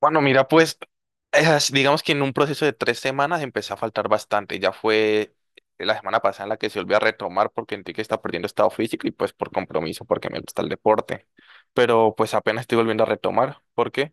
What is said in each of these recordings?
Bueno, mira, pues digamos que en un proceso de 3 semanas empecé a faltar bastante. Ya fue la semana pasada en la que se volvió a retomar porque sentí que está perdiendo estado físico y pues por compromiso, porque me gusta el deporte. Pero pues apenas estoy volviendo a retomar. ¿Por qué?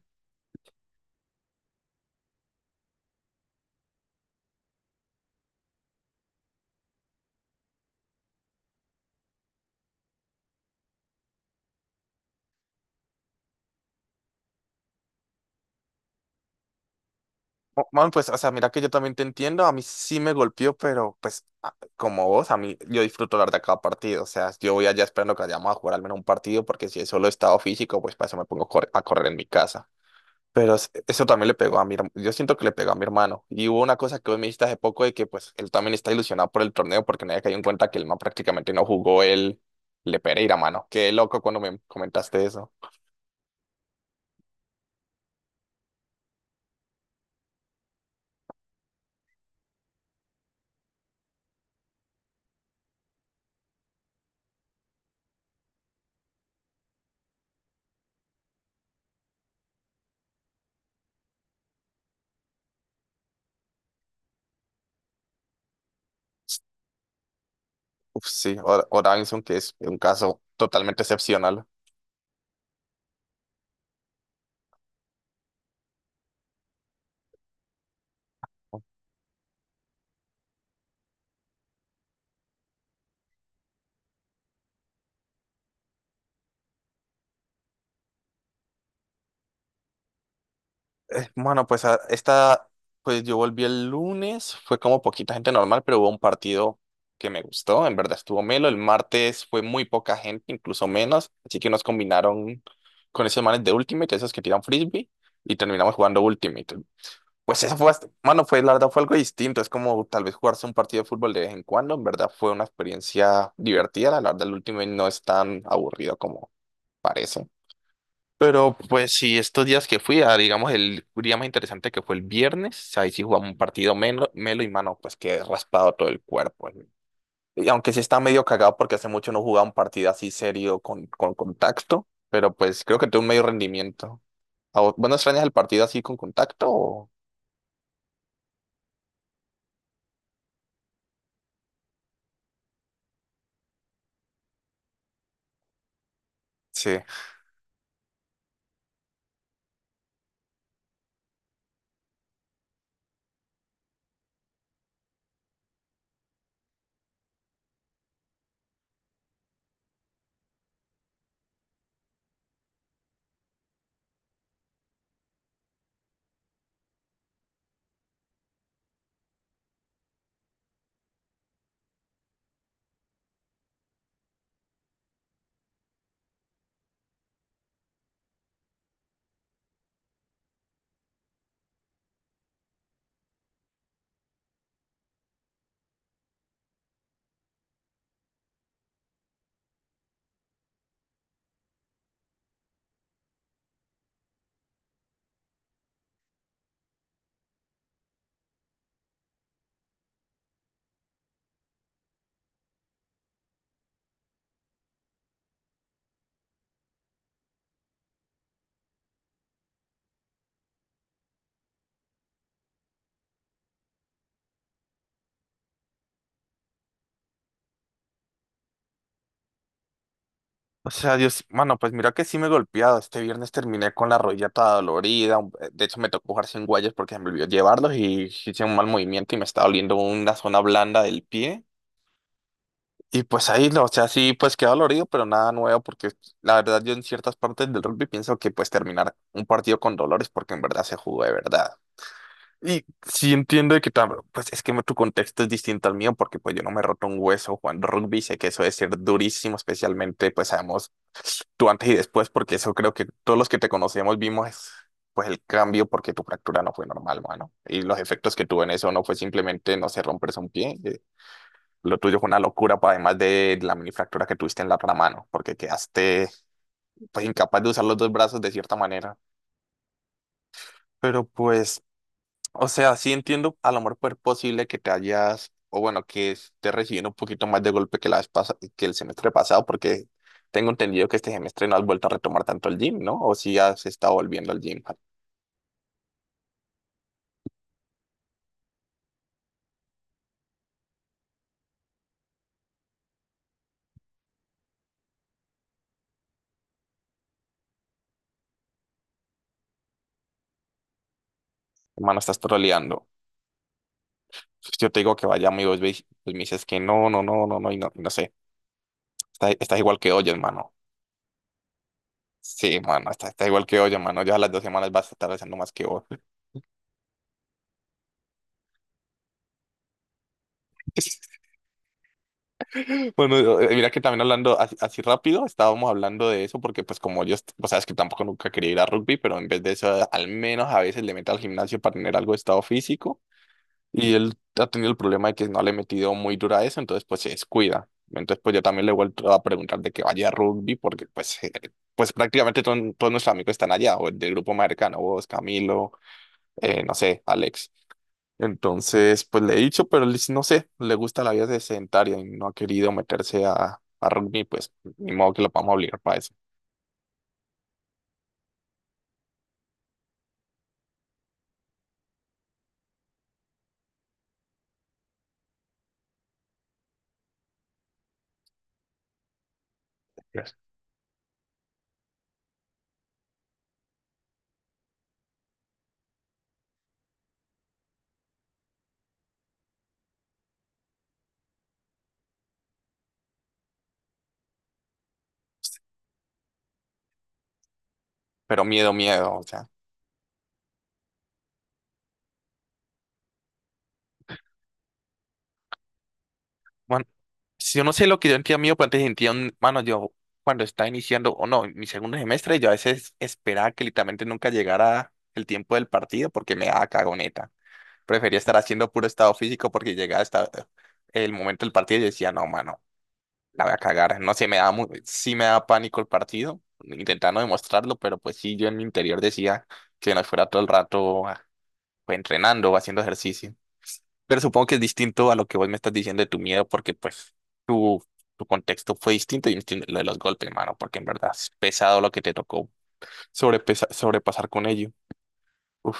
Bueno, pues, o sea, mira que yo también te entiendo. A mí sí me golpeó, pero pues como vos, a mí yo disfruto hablar de cada partido. O sea, yo voy allá esperando que vayamos a jugar al menos un partido porque si es solo estado físico, pues para eso me pongo a correr en mi casa. Pero eso también le pegó a mi, yo siento que le pegó a mi hermano. Y hubo una cosa que hoy me dijiste hace poco de que pues él también está ilusionado por el torneo porque nadie cayó en cuenta que el man prácticamente no jugó el Le Pereira, mano. Qué loco cuando me comentaste eso. Uf, sí, Oranson, que es un caso totalmente excepcional. Bueno, pues pues yo volví el lunes, fue como poquita gente normal, pero hubo un partido que me gustó, en verdad estuvo melo. El martes fue muy poca gente, incluso menos, así que nos combinaron con esos manes de Ultimate, esos que tiran frisbee, y terminamos jugando Ultimate. Pues eso fue, mano, fue, la verdad fue algo distinto, es como tal vez jugarse un partido de fútbol de vez en cuando, en verdad fue una experiencia divertida, la verdad el Ultimate no es tan aburrido como parece. Pero pues sí, estos días que fui, a, digamos, el día más interesante que fue el viernes, ahí sí jugamos un partido melo, melo y mano, pues que raspado todo el cuerpo. Y aunque sí está medio cagado porque hace mucho no jugaba un partido así serio con contacto, pero pues creo que tuvo un medio rendimiento. ¿A vos, vos no extrañas el partido así con contacto? Sí. O sea, Dios, mano, pues mira que sí me he golpeado. Este viernes terminé con la rodilla toda dolorida. De hecho, me tocó jugar sin guayas porque se me olvidó llevarlos y hice un mal movimiento y me está doliendo una zona blanda del pie. Y pues ahí, lo o sea, sí, pues quedó dolorido, pero nada nuevo, porque la verdad yo en ciertas partes del rugby pienso que pues terminar un partido con dolores porque en verdad se jugó de verdad. Y sí entiendo de que pues es que tu contexto es distinto al mío, porque pues yo no me he roto un hueso jugando rugby, sé que eso debe ser durísimo, especialmente pues sabemos tú antes y después, porque eso creo que todos los que te conocemos vimos pues el cambio, porque tu fractura no fue normal, mano, y los efectos que tuvo en eso no fue simplemente, no sé, romperse un pie, lo tuyo fue una locura, además de la minifractura que tuviste en la otra mano, porque quedaste pues, incapaz de usar los dos brazos de cierta manera. Pero pues, o sea, sí entiendo a lo mejor pues, posible que te hayas, o bueno, que estés recibiendo un poquito más de golpe que la vez que el semestre pasado, porque tengo entendido que este semestre no has vuelto a retomar tanto el gym, ¿no? O si has estado volviendo al gym. Hermano, estás troleando. Pues, yo te digo que vaya, amigo, y vos pues me dices que no, no, no, no, no, y no, y no sé. Estás, estás igual que hoy, hermano. Sí, mano, está, está igual que hoy, mano. Ya a las 2 semanas vas a estar haciendo más que vos. Bueno, mira que también hablando así, así rápido, estábamos hablando de eso porque pues como yo, o sea, es que tampoco nunca quería ir a rugby, pero en vez de eso, al menos a veces le meto al gimnasio para tener algo de estado físico y él ha tenido el problema de que no le he metido muy dura a eso, entonces pues se descuida. Entonces pues yo también le he vuelto a preguntar de que vaya a rugby porque pues, pues prácticamente todos nuestros amigos están allá, o del grupo más cercano, vos, Camilo, no sé, Alex. Entonces, pues le he dicho, pero no sé, le gusta la vida de sedentaria y no ha querido meterse a rugby, pues ni modo que lo vamos a obligar para eso. Pero miedo, miedo, o sea, bueno, si yo no sé lo que yo sentía miedo, pues antes sentía, mano, yo cuando estaba iniciando, o no, mi segundo semestre, yo a veces esperaba que literalmente nunca llegara el tiempo del partido porque me daba cagoneta. Prefería estar haciendo puro estado físico porque llegaba hasta el momento del partido y yo decía, no, mano. La voy a cagar. No sé, me da sí me da pánico el partido, intentando demostrarlo, pero pues sí, yo en mi interior decía que no fuera todo el rato pues, entrenando o haciendo ejercicio. Pero supongo que es distinto a lo que vos me estás diciendo de tu miedo, porque pues tu, tu contexto fue distinto y distinto lo de los golpes, mano, porque en verdad es pesado lo que te tocó sobrepasar con ello. Uf.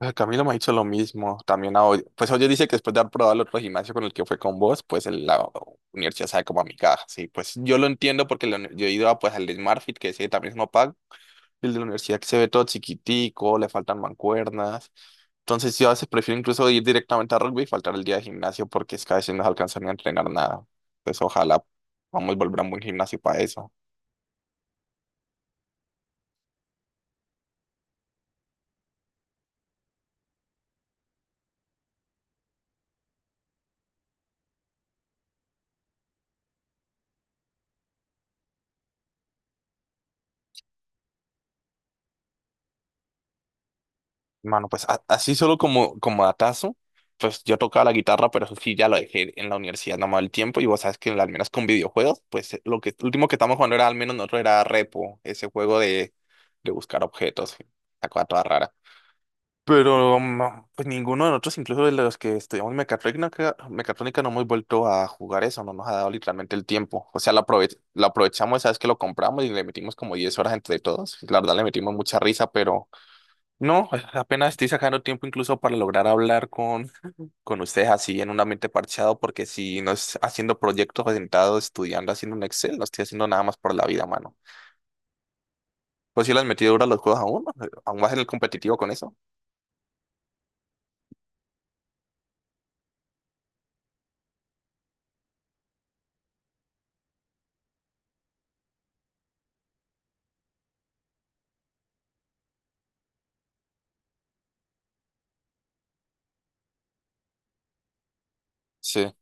Ah, Camilo me ha dicho lo mismo, también a Odio. Pues Odio dice que después de haber probado el otro gimnasio con el que fue con vos, pues la universidad sabe como a mi caja, sí, pues yo lo entiendo porque la yo he ido a, pues, al de SmartFit, que ese también es no pago, el de la universidad que se ve todo chiquitico, le faltan mancuernas, entonces yo a veces prefiero incluso ir directamente a rugby y faltar el día de gimnasio porque es que a veces no se alcanza ni a entrenar nada, entonces ojalá vamos a volver a un buen gimnasio para eso. Mano, pues así solo como, como datazo, pues yo tocaba la guitarra, pero eso sí ya lo dejé en la universidad, no me daba el tiempo, y vos sabes que al menos con videojuegos, pues lo que lo último que estábamos jugando era al menos nosotros era Repo, ese juego de buscar objetos, la cosa toda rara. Pero no, pues ninguno de nosotros, incluso de los que estudiamos mecatrónica, mecatrónica, no hemos vuelto a jugar eso, no nos ha dado literalmente el tiempo. O sea, lo, lo aprovechamos, sabes que lo compramos y le metimos como 10 horas entre todos. La verdad le metimos mucha risa, pero no, apenas estoy sacando tiempo incluso para lograr hablar con ustedes así en un ambiente parchado, porque si no es haciendo proyectos orientados, estudiando, haciendo un Excel, no estoy haciendo nada más por la vida, mano. Pues si las metido duro los juegos aún, ¿no? Aún vas en el competitivo con eso. Sí,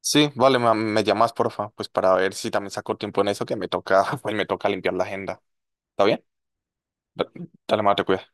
sí, vale, me, llamas, porfa, pues para ver si también saco tiempo en eso, que me toca, pues me toca limpiar la agenda. ¿Está bien? Da- Dale, mano, te cuidas.